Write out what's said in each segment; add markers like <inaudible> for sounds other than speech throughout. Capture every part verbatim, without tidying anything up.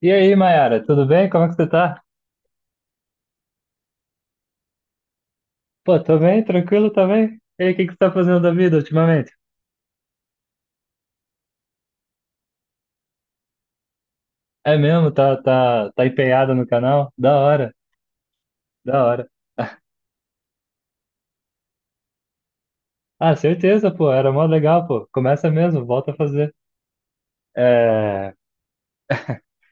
E aí, Mayara, tudo bem? Como é que você tá? Pô, tô bem, tranquilo também. E aí, o que que você tá fazendo da vida ultimamente? É mesmo? Tá, tá, tá empenhado no canal? Da hora, da hora. <laughs> Ah, certeza, pô, era mó legal, pô. Começa mesmo, volta a fazer. É...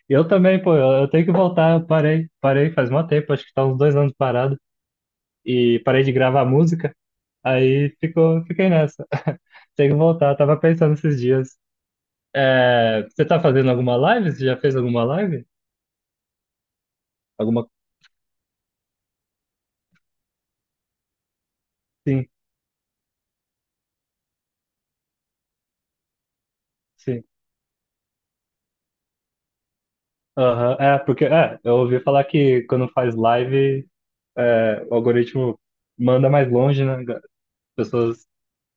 Eu também, pô, eu, eu tenho que voltar, eu parei, parei faz mó tempo, acho que tá uns dois anos parado. E parei de gravar música, aí ficou, fiquei nessa. <laughs> Tenho que voltar, tava pensando esses dias. É... Você tá fazendo alguma live? Você já fez alguma live? Alguma? Sim. Sim. Aham, é, porque é, eu ouvi falar que quando faz live, é, o algoritmo manda mais longe, né? As pessoas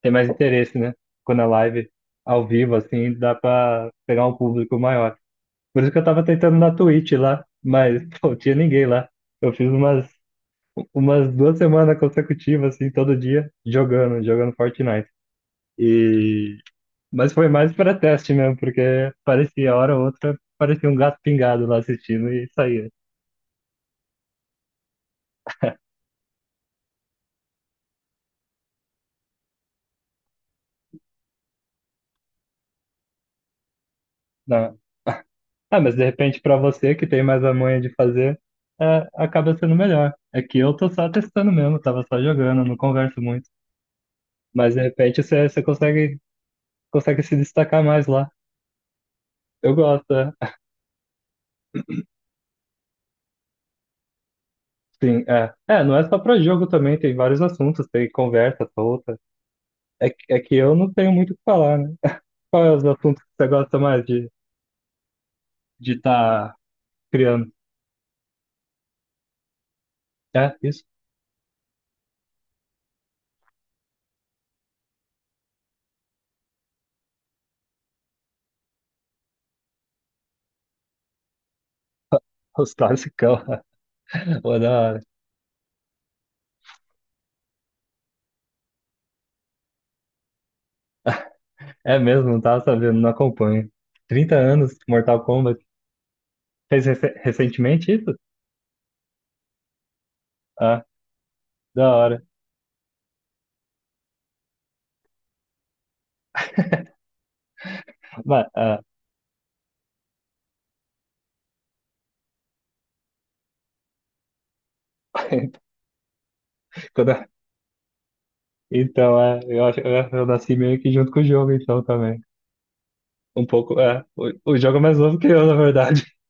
têm mais interesse, né? Quando é live ao vivo, assim, dá pra pegar um público maior. Por isso que eu tava tentando na Twitch lá, mas <laughs> pô, tinha ninguém lá. Eu fiz umas, umas duas semanas consecutivas, assim, todo dia, jogando, jogando Fortnite. E... mas foi mais para teste mesmo, porque parecia, hora ou outra, parecia um gato pingado lá assistindo e saía. Né? Ah, mas de repente para você que tem mais a manha de fazer, é, acaba sendo melhor. É que eu tô só testando mesmo, tava só jogando, não converso muito. Mas de repente você, você consegue, consegue se destacar mais lá. Eu gosto, é. Sim, é. É, não é só para jogo também, tem vários assuntos, tem conversa solta. É, que- é que eu não tenho muito o que falar, né? Qual é os assuntos que você gosta mais de de estar criando? É, isso? Os classicão. <laughs> Pô, da hora. É mesmo, não tava sabendo, não acompanho. Trinta anos, Mortal Kombat. Fez rece- recentemente isso? Ah, da hora. Mas, ah, <laughs> quando eu- então, é, eu acho, eu, eu nasci meio que junto com o jogo, então, também. Um pouco, é. O, o jogo é mais novo que eu, na verdade. <laughs>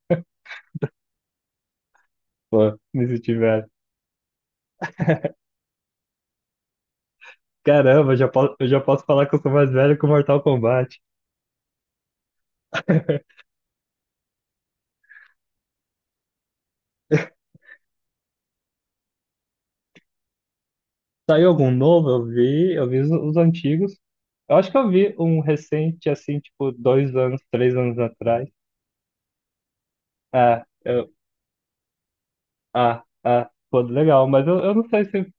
Pô, me senti velho. Caramba, eu já posso, eu já posso falar que eu sou mais velho que o Mortal Kombat. <laughs> Saiu algum novo? Eu vi, eu vi os, os antigos. Eu acho que eu vi um recente, assim, tipo, dois anos, três anos atrás. Ah, eu, ah, ah, pô, legal, mas eu, eu não sei se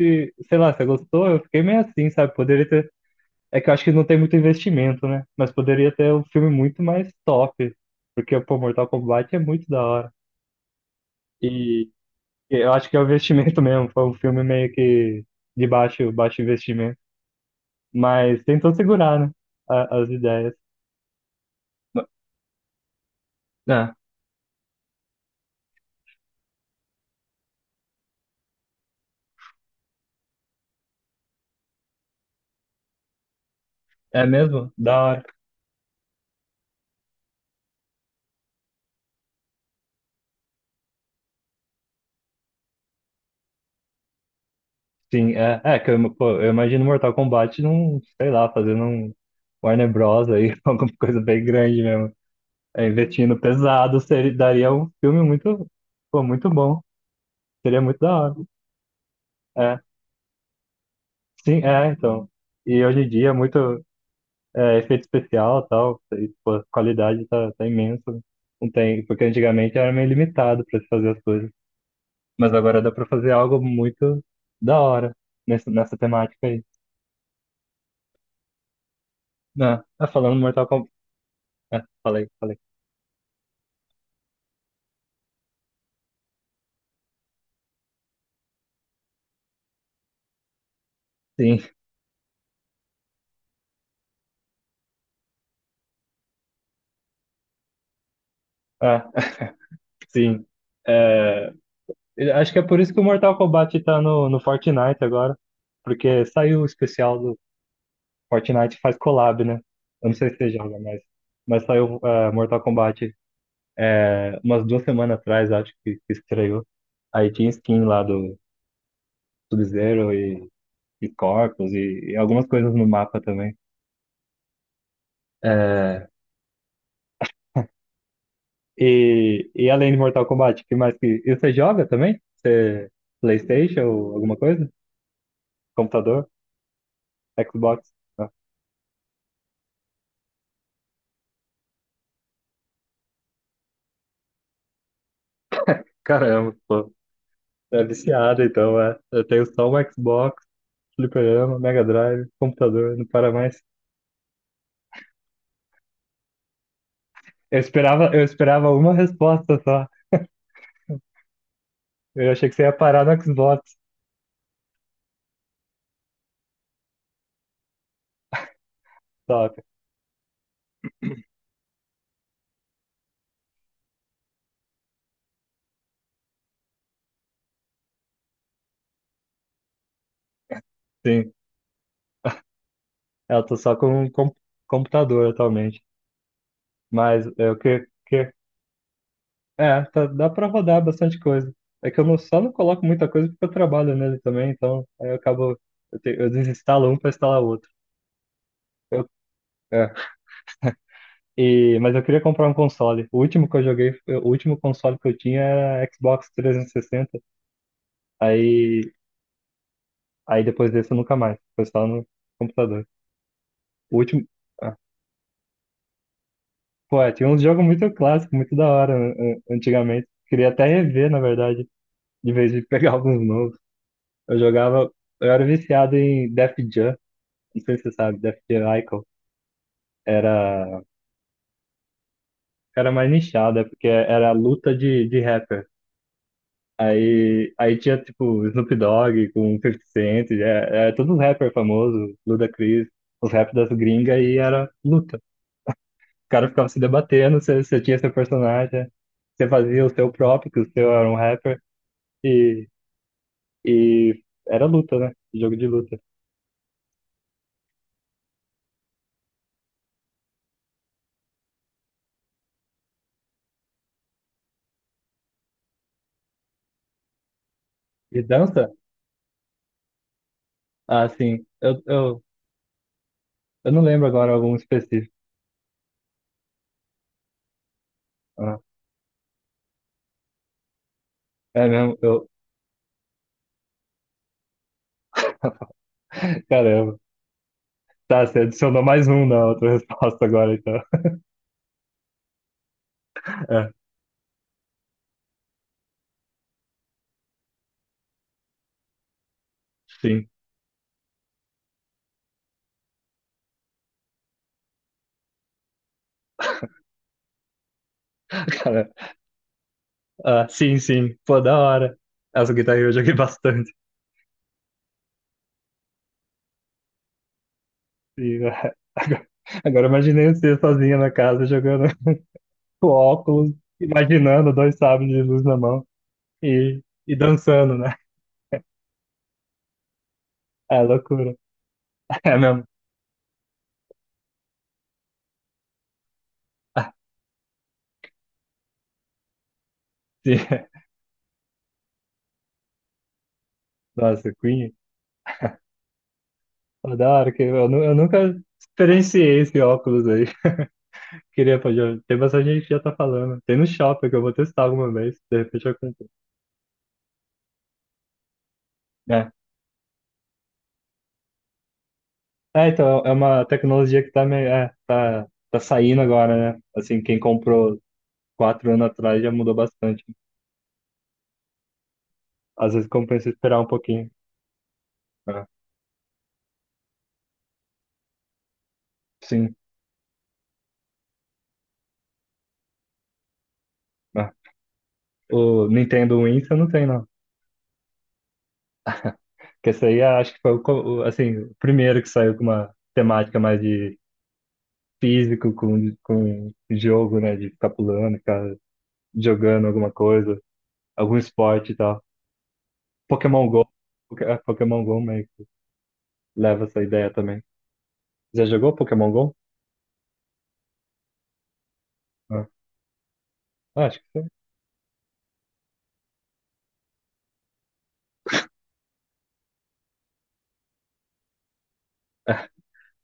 se, sei lá, você gostou? Eu fiquei meio assim, sabe? Poderia ter. É que eu acho que não tem muito investimento, né? Mas poderia ter um filme muito mais top. Porque, pô, Mortal Kombat é muito da hora. E e eu acho que é o investimento <laughs> mesmo. Foi um filme meio que de baixo, baixo investimento. Mas tentou segurar, né? a- As ideias. Ah, é mesmo? Da hora. Sim, é, é que eu, pô, eu imagino Mortal Kombat num, sei lá, fazendo um Warner Bros. Aí, <laughs> alguma coisa bem grande mesmo. É, investindo pesado, seria, daria um filme muito, pô, muito bom. Seria muito da hora. É, sim, é, então. E hoje em dia, é muito é, efeito especial e tal, e, pô, a qualidade tá, tá imensa. Não tem, porque antigamente era meio limitado para se fazer as coisas. Mas agora dá para fazer algo muito da hora nessa, nessa temática aí. Ah, ah, falando do Mortal Kombat. É, falei, falei. Sim, ah, <laughs> sim. É, acho que é por isso que o Mortal Kombat tá no, no Fortnite agora. Porque saiu o especial do Fortnite faz collab, né? Eu não sei se você joga, mas, mas saiu é, Mortal Kombat é, umas duas semanas atrás, acho que, que estreou. Aí tinha skin lá do Sub-Zero e, e Corpus e, e algumas coisas no mapa também. É, e, e além de Mortal Kombat, que mais que. E você joga também? Você PlayStation ou alguma coisa? Computador? Xbox? Ah, caramba, pô. É viciado, então, é. Eu tenho só o Xbox, fliperama, Mega Drive, computador, não para mais. Eu esperava, eu esperava uma resposta só. Eu achei que você ia parar no Xbox, só. Sim, eu tô só com um com computador atualmente. Mas eu que, que é, tá- dá pra rodar bastante coisa. É que eu não, só não coloco muita coisa porque eu trabalho nele também, então aí eu acabo, eu, te- eu desinstalo um pra instalar outro. Eu, é, E, mas eu queria comprar um console. O último que eu joguei, o último console que eu tinha era Xbox trezentos e sessenta. Aí, aí depois desse eu nunca mais. Foi só no computador. O último. Ah, pô, é, tinha uns jogos muito clássicos, muito da hora an- an- antigamente. Queria até rever, na verdade, de vez de pegar <laughs> alguns novos. Eu jogava. Eu era viciado em Def Jam. Não sei se você sabe, Def Jam Icon. Era. Era mais nichado, é porque era luta de, de rapper. Aí, aí tinha, tipo, Snoop Dogg com cinquenta Cent, é, é, todos os rappers famosos, Ludacris, os rap das gringas, e era luta. Os caras ficavam se debatendo, você, você tinha seu personagem, você fazia o seu próprio, que o seu era um rapper, e, e era luta, né? Jogo de luta. E dança? Ah, sim. Eu, eu, eu não lembro agora algum específico. Ah, é mesmo? Eu, <laughs> caramba. Tá, você adicionou mais um na outra <laughs> resposta agora, então. <laughs> É, sim. <laughs> Ah, sim, sim. Pô, da hora. Essa Guitar Hero eu joguei <laughs> bastante. E, ah, agora, agora eu imaginei você sozinha na casa jogando <laughs> com óculos, imaginando dois sabres de luz na mão e, e dançando, né? É loucura. <laughs> É mesmo. Ah, sim. Nossa, Queen. Pô, da hora que eu, nu- eu nunca experienciei esse óculos aí. <laughs> Queria, pô, já, tem bastante gente que já tá falando. Tem no shopping que eu vou testar alguma vez. De repente eu compro. É, é, então, é uma tecnologia que tá, meio, é, tá, tá saindo agora, né? Assim, quem comprou quatro anos atrás já mudou bastante. Às vezes compensa esperar um pouquinho. Né? Sim. Né? O Nintendo Wii você não tem, não. Porque esse aí acho que foi o, co- o, assim, o primeiro que saiu com uma temática mais de físico, com, com jogo, né? De ficar pulando, ficar jogando alguma coisa, algum esporte e tal. Pokémon Go. Poké- é, Pokémon Go meio que leva essa ideia também. Já jogou Pokémon Go? Ah, acho.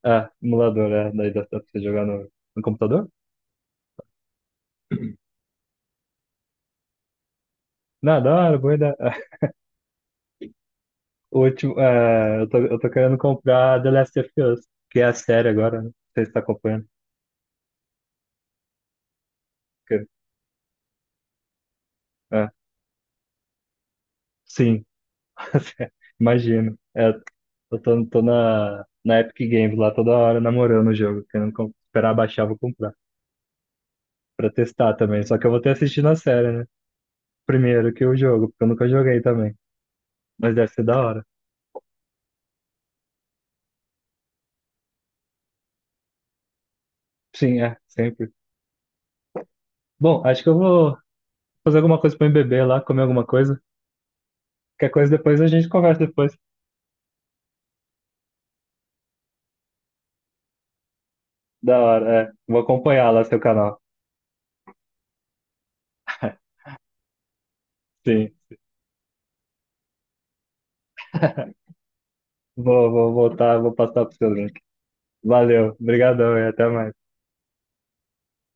Ah, emulador, é. Daí dá pra você jogar no, no computador? Não, da hora, boa ideia. <laughs> Ah, O último, é, eu tô, eu tô querendo comprar The Last of Us, que é a série agora, né? Não sei se tá acompanhando. Que, é, sim, <laughs> imagino. É, eu tô, tô na, na Epic Games lá toda hora namorando o jogo, querendo com- esperar baixar, vou comprar, pra testar também. Só que eu vou ter assistido a série, né? Primeiro que o jogo, porque eu nunca joguei também. Mas deve ser da hora. Sim, é, sempre. Bom, acho que eu vou fazer alguma coisa pra mim beber lá, comer alguma coisa. Qualquer coisa depois a gente conversa depois. Da hora, é. Vou acompanhar lá seu canal. <laughs> Sim. <laughs> Vou, vou voltar, vou passar pro seu link. Valeu, obrigadão e até mais.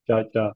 Tchau, tchau.